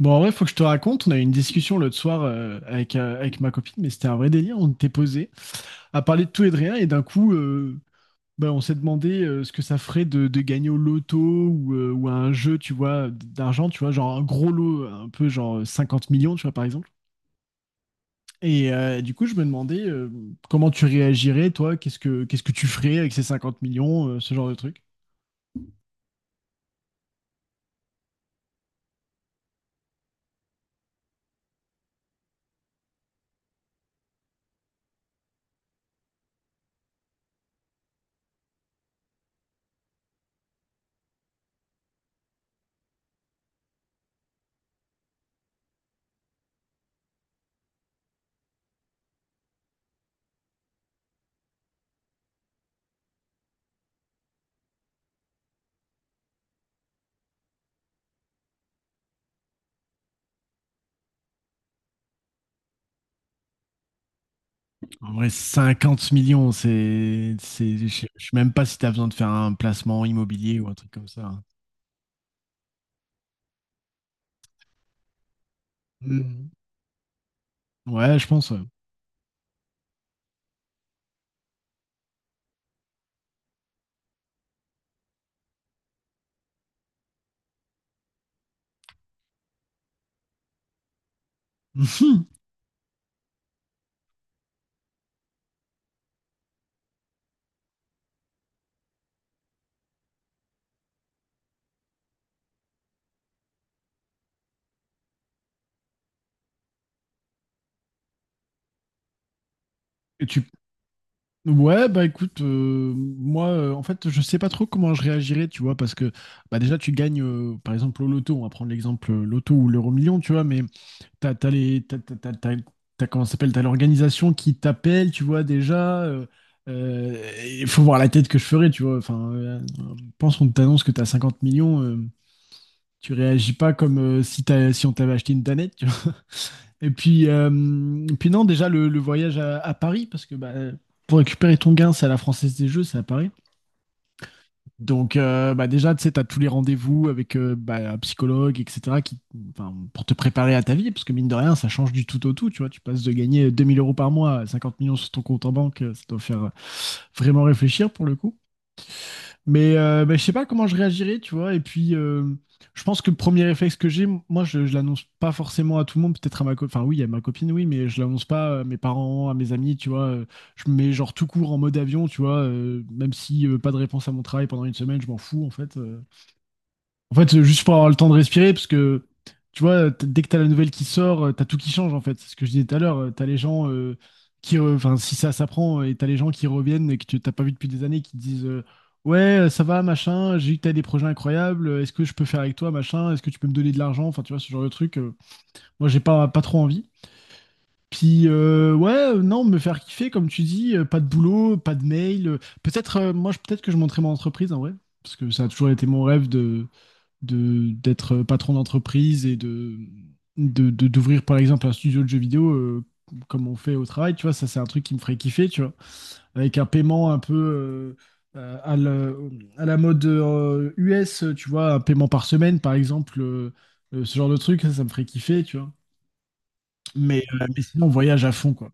Bon, en vrai, faut que je te raconte. On a eu une discussion l'autre soir avec, avec ma copine, mais c'était un vrai délire. On était posé à parler de tout et de rien, et d'un coup, on s'est demandé ce que ça ferait de gagner au loto ou à un jeu, tu vois, d'argent, tu vois, genre un gros lot, un peu genre 50 millions, tu vois, par exemple. Et du coup, je me demandais comment tu réagirais, toi, qu'est-ce que tu ferais avec ces 50 millions, ce genre de truc? En vrai, 50 millions, c'est, je sais même pas si tu as besoin de faire un placement immobilier ou un truc comme ça. Mmh. Ouais, je pense, ouais. Et tu... Ouais, bah écoute, moi, en fait, je sais pas trop comment je réagirais, tu vois, parce que bah déjà, tu gagnes, par exemple, au loto, on va prendre l'exemple loto ou l'euro million, tu vois, mais t'as, t'as les, t'as, t'as- t'as- t'as- t'as- comment ça s'appelle, t'as l'organisation qui t'appelle, tu vois, déjà, il faut voir la tête que je ferais, tu vois, enfin, pense qu'on t'annonce que t'as 50 millions, tu réagis pas comme si t'as, si on t'avait acheté une danette. Et puis, euh, et puis non, déjà le voyage à Paris, parce que bah, pour récupérer ton gain, c'est à la Française des Jeux, c'est à Paris. Donc bah, déjà, tu sais, t'as tous les rendez-vous avec bah, un psychologue, etc., qui, enfin, pour te préparer à ta vie, parce que mine de rien, ça change du tout au tout, tu vois. Tu passes de gagner 2 000 euros par mois à 50 millions sur ton compte en banque, ça doit faire vraiment réfléchir pour le coup. Mais, bah, je sais pas comment je réagirais, tu vois. Et puis, je pense que le premier réflexe que j'ai, moi, je l'annonce pas forcément à tout le monde, peut-être à ma copine. Enfin, oui, à ma copine, oui, mais je l'annonce pas à mes parents, à mes amis, tu vois. Je me mets genre tout court en mode avion, tu vois. Même si pas de réponse à mon travail pendant une semaine, je m'en fous, en fait. En fait, juste pour avoir le temps de respirer, parce que tu vois, dès que t'as la nouvelle qui sort, t'as tout qui change en fait. C'est ce que je disais tout à l'heure. T'as les gens qui, enfin, si ça s'apprend, et t'as les gens qui reviennent et que tu t'as pas vu depuis des années, qui te disent ouais, ça va, machin. J'ai vu que t'as des projets incroyables. Est-ce que je peux faire avec toi, machin? Est-ce que tu peux me donner de l'argent? Enfin, tu vois, ce genre de truc. Moi, j'ai pas trop envie. Puis ouais, non, me faire kiffer, comme tu dis, pas de boulot, pas de mail. Peut-être, moi, peut-être que je monterai mon entreprise en vrai, parce que ça a toujours été mon rêve de d'être patron d'entreprise et de d'ouvrir par exemple un studio de jeux vidéo comme on fait au travail, tu vois, ça c'est un truc qui me ferait kiffer, tu vois, avec un paiement un peu à à la mode US, tu vois, un paiement par semaine par exemple, ce genre de truc, ça me ferait kiffer, tu vois. Mais sinon, on voyage à fond, quoi.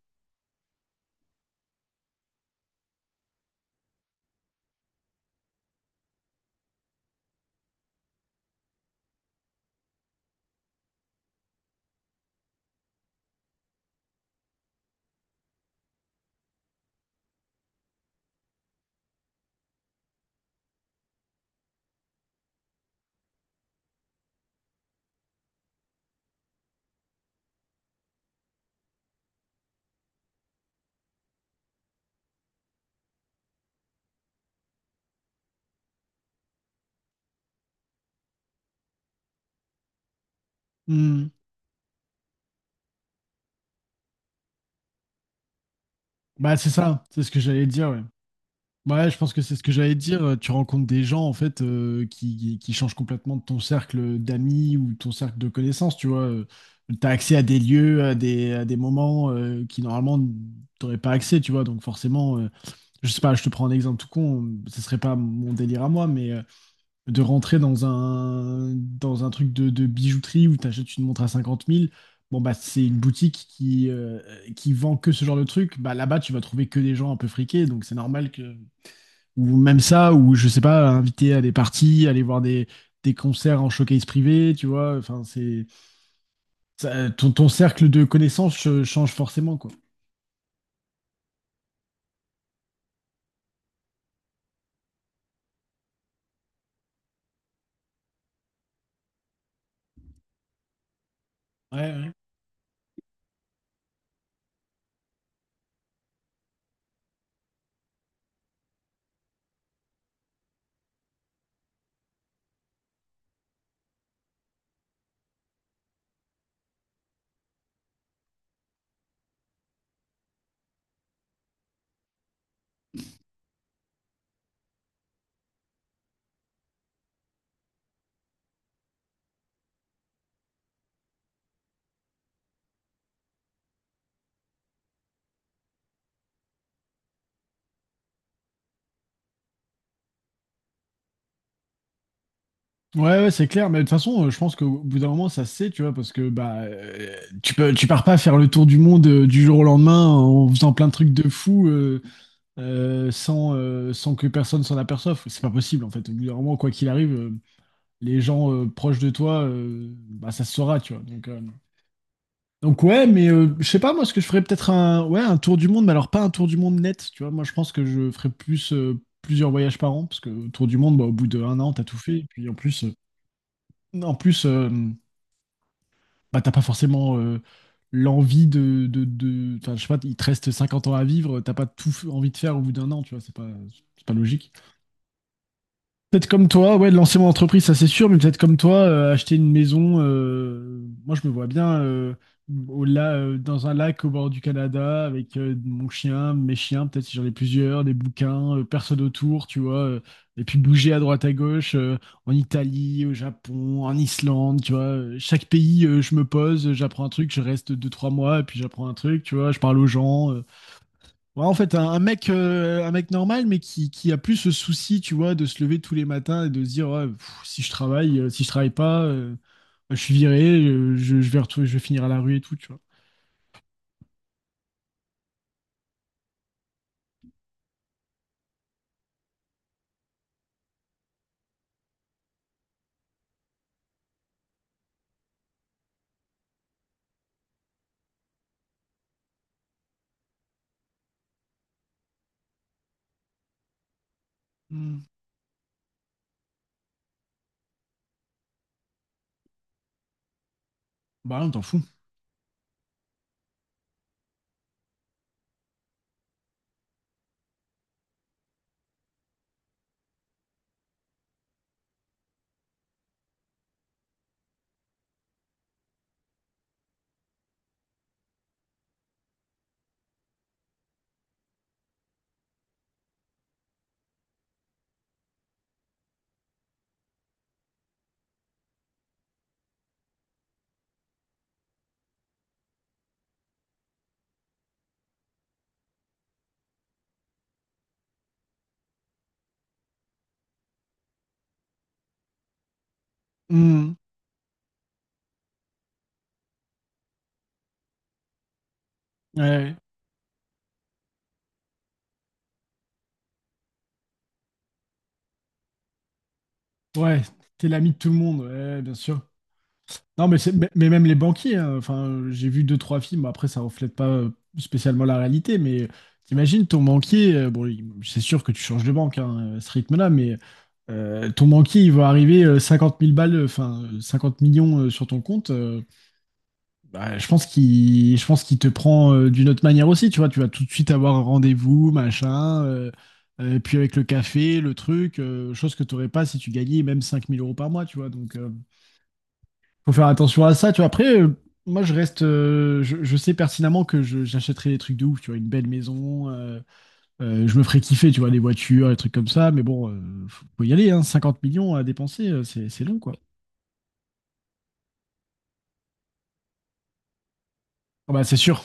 Hmm. Bah, c'est ça, c'est ce que j'allais dire, ouais. Bah ouais, je pense que c'est ce que j'allais dire. Tu rencontres des gens en fait qui changent complètement de ton cercle d'amis ou ton cercle de connaissances, tu vois. Tu as accès à des lieux, à des moments qui normalement t'aurais pas accès, tu vois. Donc forcément, je sais pas, je te prends un exemple tout con, ce serait pas mon délire à moi, mais de rentrer dans un truc de bijouterie où tu achètes une montre à 50 000. Bon bah c'est une boutique qui vend que ce genre de truc. Bah là-bas, tu vas trouver que des gens un peu friqués, donc c'est normal que ou même ça, ou je sais pas, inviter à des parties, aller voir des concerts en showcase privé, tu vois. Enfin, c'est ton, ton cercle de connaissances change forcément, quoi. Ouais, ouais. Ouais, ouais, c'est clair, mais de toute façon, je pense qu'au bout d'un moment, ça se sait, tu vois, parce que bah, tu peux, tu pars pas faire le tour du monde du jour au lendemain en faisant plein de trucs de fou sans, sans que personne s'en aperçoive. C'est pas possible, en fait. Au bout d'un moment, quoi qu'il arrive, les gens proches de toi, bah, ça se saura, tu vois. Donc ouais, mais je sais pas moi ce que je ferais peut-être un ouais un tour du monde, mais alors pas un tour du monde net, tu vois. Moi je pense que je ferais plus plusieurs voyages par an parce que tour du monde, bah, au bout de un an t'as tout fait et puis en plus, bah t'as pas forcément l'envie de enfin je sais pas il te reste 50 ans à vivre, t'as pas envie de faire au bout d'un an, tu vois. C'est pas logique. Peut-être comme toi, ouais, de lancer mon entreprise, ça c'est sûr, mais peut-être comme toi, acheter une maison, moi je me vois bien dans un lac au bord du Canada avec mon chien, mes chiens, peut-être si j'en ai plusieurs, des bouquins, personne autour, tu vois, et puis bouger à droite à gauche, en Italie, au Japon, en Islande, tu vois, chaque pays, je me pose, j'apprends un truc, je reste deux, trois mois, et puis j'apprends un truc, tu vois, je parle aux gens, ouais, en fait, un mec, un mec normal, mais qui a plus ce souci, tu vois, de se lever tous les matins et de se dire, ouais, pff, si je travaille, si je travaille pas, bah, je suis viré, je vais retrouver, je vais finir à la rue et tout, tu vois. Hmm. Bah, on t'en fout. Hmm. Ouais, ouais, t'es l'ami de tout le monde, ouais, bien sûr. Non, mais, mais même les banquiers, hein. Enfin, j'ai vu deux, trois films, après ça reflète pas spécialement la réalité, mais t'imagines ton banquier, bon, c'est sûr que tu changes de banque hein, à ce rythme-là, mais ton banquier, il va arriver 50 000 balles, enfin, 50 millions sur ton compte, bah, je pense qu'il te prend d'une autre manière aussi, tu vois, tu vas tout de suite avoir un rendez-vous, machin, puis avec le café, le truc, chose que t'aurais pas si tu gagnais même 5 000 euros par mois, tu vois, donc... faut faire attention à ça, tu vois. Après, moi, je reste, je sais pertinemment que j'achèterai des trucs de ouf, tu vois, une belle maison, je me ferai kiffer, tu vois, des voitures, des trucs comme ça, mais bon, faut y aller, hein, 50 millions à dépenser, c'est long, quoi. Ah bah, c'est sûr.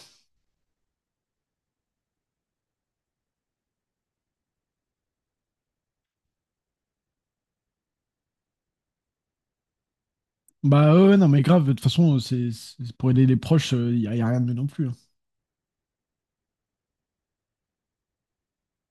Bah, ouais, ouais, non, mais grave, de toute façon, pour aider les proches, y a rien de mieux non plus, hein.